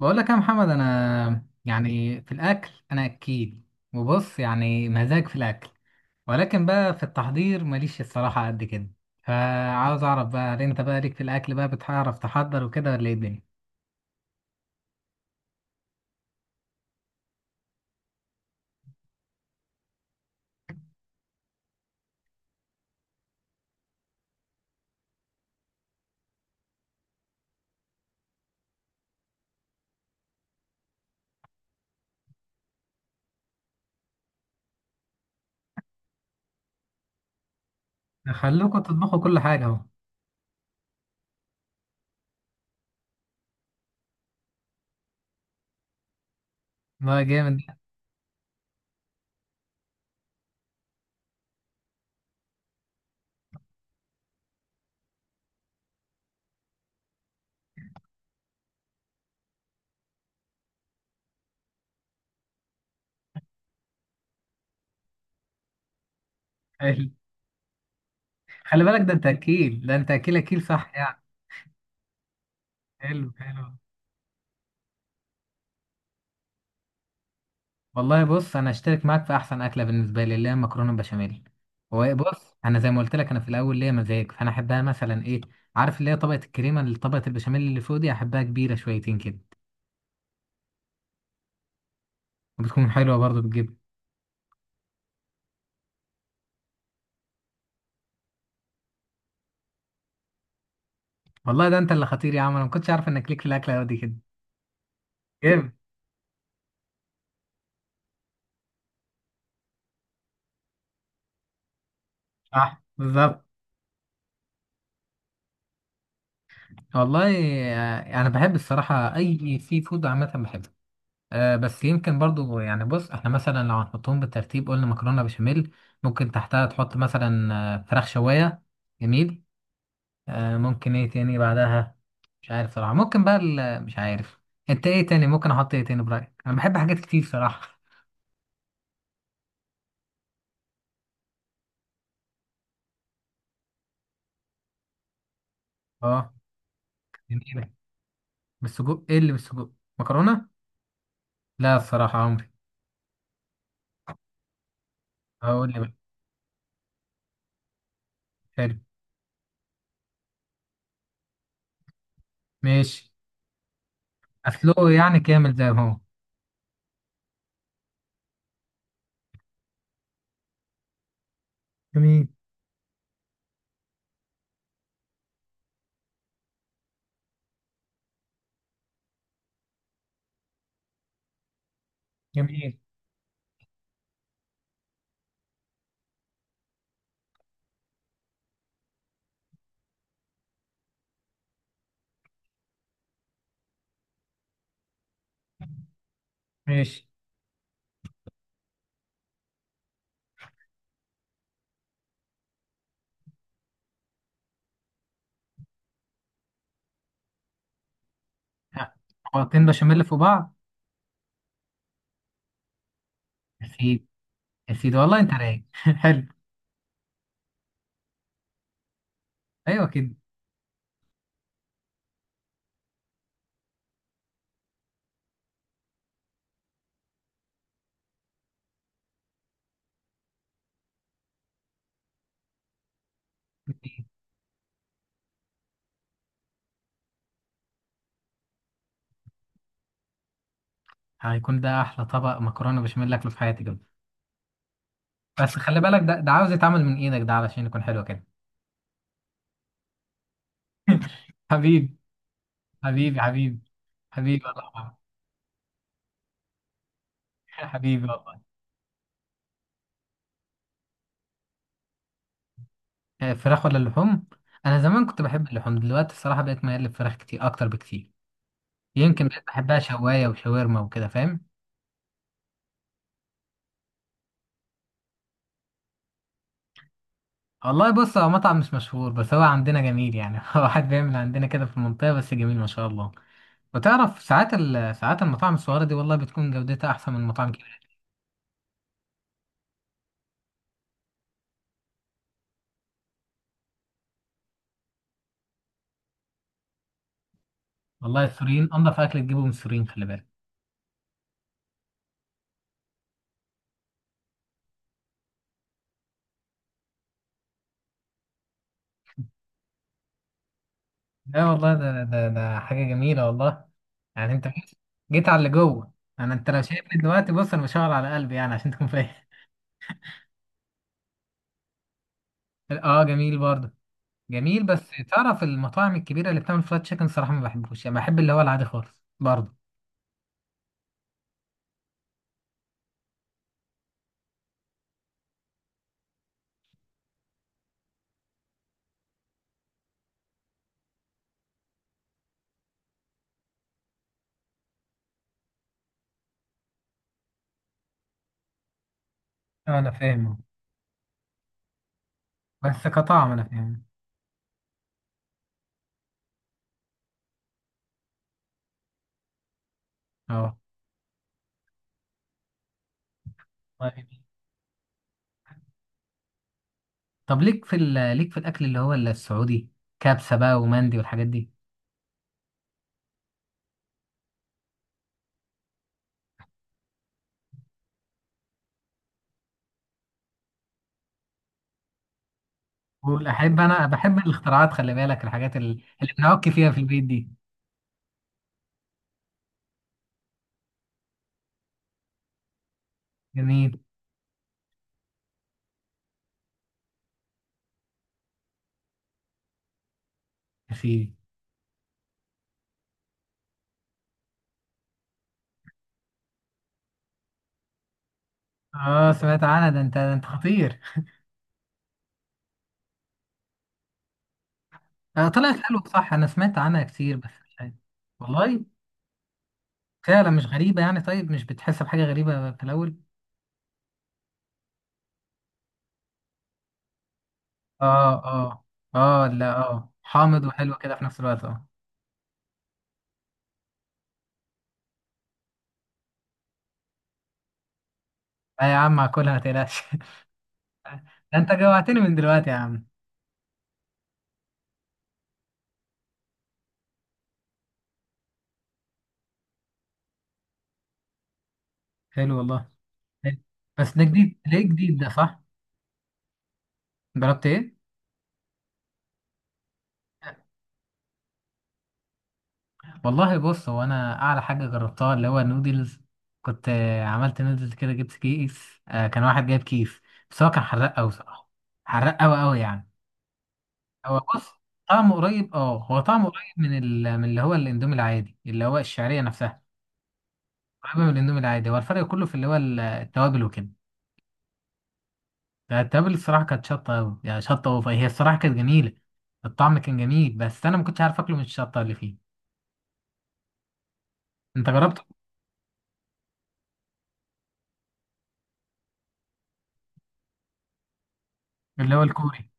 بقول لك يا محمد، انا يعني في الاكل انا اكيل. وبص، يعني مزاج في الاكل. ولكن بقى في التحضير ماليش الصراحه قد كده. فعاوز اعرف بقى، هل انت بقى ليك في الاكل بقى بتعرف تحضر وكده، ولا ايه الدنيا؟ خلوكوا تطبخوا كل حاجه اهو. ده جامد ده. حلو. خلي بالك، ده انت اكيل، ده انت اكيل اكيل، صح يعني؟ حلو حلو. والله بص، انا اشترك معاك في احسن اكله بالنسبه لي، اللي هي مكرونه بشاميل. هو إيه، بص انا زي ما قلت لك، انا في الاول ليا مزاج، فانا احبها مثلا ايه، عارف اللي هي طبقه الكريمه، اللي طبقه البشاميل اللي فوق دي، احبها كبيره شويتين كده. وبتكون حلوه برضه بالجبن. والله ده انت اللي خطير يا عم، انا ما كنتش عارف انك ليك في الاكله دي كده. جامد. صح بالظبط. والله، انا بحب الصراحه اي سي فود عامه بحبه. بس يمكن برضو يعني، بص، احنا مثلا لو هنحطهم بالترتيب، قلنا مكرونه بشاميل، ممكن تحتها تحط مثلا فراخ شوايه. جميل. ممكن ايه تاني بعدها؟ مش عارف صراحه، ممكن بقى مش عارف. انت ايه تاني ممكن احط، ايه تاني برايك؟ انا بحب حاجات كتير صراحه. اه جميله. بالسجق، ايه اللي بالسجق؟ مكرونه. لا الصراحه عمري. هقول لي بقى. حلو. ماشي. اسلقه يعني كامل زي ما هو؟ جميل. جميل. ماشي. آه، حطين بشاميل في بعض. يا سيدي والله انت رايق. حلو. ايوه كده. هيكون ده احلى طبق مكرونه بشاميل اكله في حياتي كده. بس خلي بالك، ده عاوز يتعمل من ايدك ده علشان يكون حلو كده. حبيبي. حبيبي حبيبي. حبيبي والله. حبيبي والله. فراخ ولا اللحوم؟ انا زمان كنت بحب اللحوم، دلوقتي الصراحه بقيت ميال للفراخ كتير، اكتر بكتير. يمكن بقيت بحبها شوايه وشاورما وكده، فاهم. والله بص، هو مطعم مش مشهور بس هو عندنا جميل يعني، هو واحد بيعمل عندنا كده في المنطقه بس جميل ما شاء الله. وتعرف ساعات المطاعم الصغيرة دي والله بتكون جودتها أحسن من المطاعم الكبيرة. والله السوريين أنضف أكل تجيبه من السوريين، خلي بالك. لا والله ده حاجة جميلة والله. يعني أنت جيت على اللي جوه. أنا، أنت لو شايفني دلوقتي، بص، أنا بشاور على قلبي يعني عشان تكون فاهم. أه جميل برضه. جميل، بس تعرف المطاعم الكبيرة اللي بتعمل فرايد تشيكن صراحة ما بحبوش يعني، بحب اللي هو العادي خالص برضه. أنا فاهم. بس كطعم أنا فاهم. أه. طيب. طب ليك في الأكل اللي هو السعودي، كبسة بقى ومندي والحاجات دي. واحب، انا بحب الاختراعات، خلي بالك الحاجات اللي بنعك فيها في البيت دي. جميل. يا سيدي. اه سمعت عنها، ده انت خطير. آه طلعت حلوه صح، انا سمعت عنها كتير بس مش عارف. والله، فعلا مش غريبه يعني؟ طيب مش بتحس بحاجه غريبه في الاول؟ اه اه. اه لا اه حامض وحلو كده في نفس الوقت اه. لا يا عم هاكلها ما تقلقش. ده انت جوعتني من دلوقتي يا عم. حلو والله. حلو. بس ده جديد ليه؟ جديد ده صح. جربت ايه؟ والله بص، هو انا اعلى حاجه جربتها اللي هو نودلز. كنت عملت نودلز كده، جبت كيس، كان واحد جايب كيس. بس هو كان حراق قوي صراحه. حراق قوي قوي يعني. هو بص، طعمه قريب، اه هو طعمه قريب من اللي هو الاندومي العادي، اللي هو الشعريه نفسها. قريبه من الاندومي العادي، هو الفرق كله في اللي هو التوابل وكده. التوابل الصراحه كانت شطه قوي يعني، شطه اوفر، هي الصراحه كانت جميله. الطعم كان جميل بس انا ما كنتش عارف اكله من الشطه اللي فيه. انت جربت اللي هو الكوري؟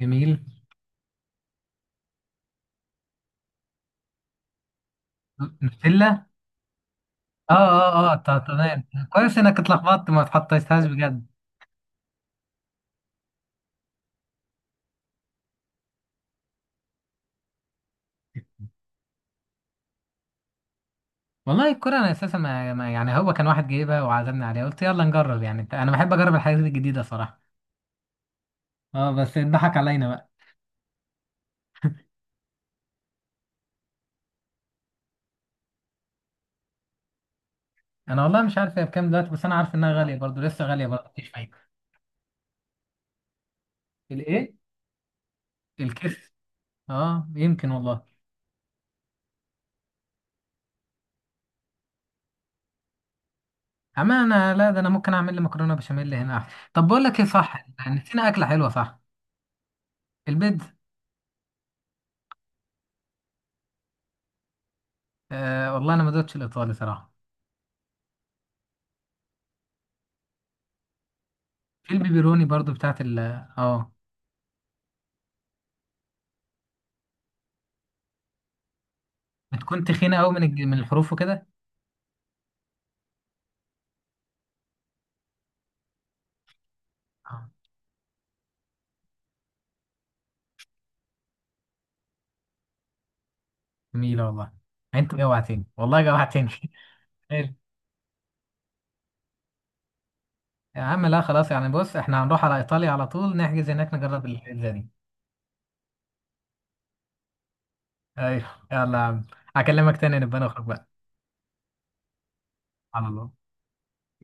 جميل. نوتيلا. اه اه اه طب تمام. كويس انك اتلخبطت ما اتحطيتهاش بجد. والله الكرة، انا اساسا يعني هو كان واحد جايبها وعزمني عليها، قلت يلا نجرب يعني، انا بحب اجرب الحاجات الجديدة صراحة. اه بس اتضحك علينا بقى. انا والله مش عارف هي بكام دلوقتي، بس انا عارف انها غالية برضو، لسه غالية برضو، مفيش فايدة. الايه؟ الكيس. اه يمكن والله. اما انا لا، ده انا ممكن اعمل لي مكرونة بشاميل هنا أحسن. طب بقول لك ايه، صح نسينا اكلة حلوة، صح؟ البيتزا. آه والله انا ما دوتش الايطالي صراحة. في البيبروني برضو بتاعت ال اه انت كنت خينة قوي من الحروف وكده. آه، جميلة والله. انت جوعتني والله، جوعتني. حلو. يا عم لا خلاص يعني، بص احنا هنروح على ايطاليا على طول، نحجز هناك نجرب البيتزا دي. ايوه. يلا يا عم. هكلمك تاني، نبقى نخرج بقى. على الله.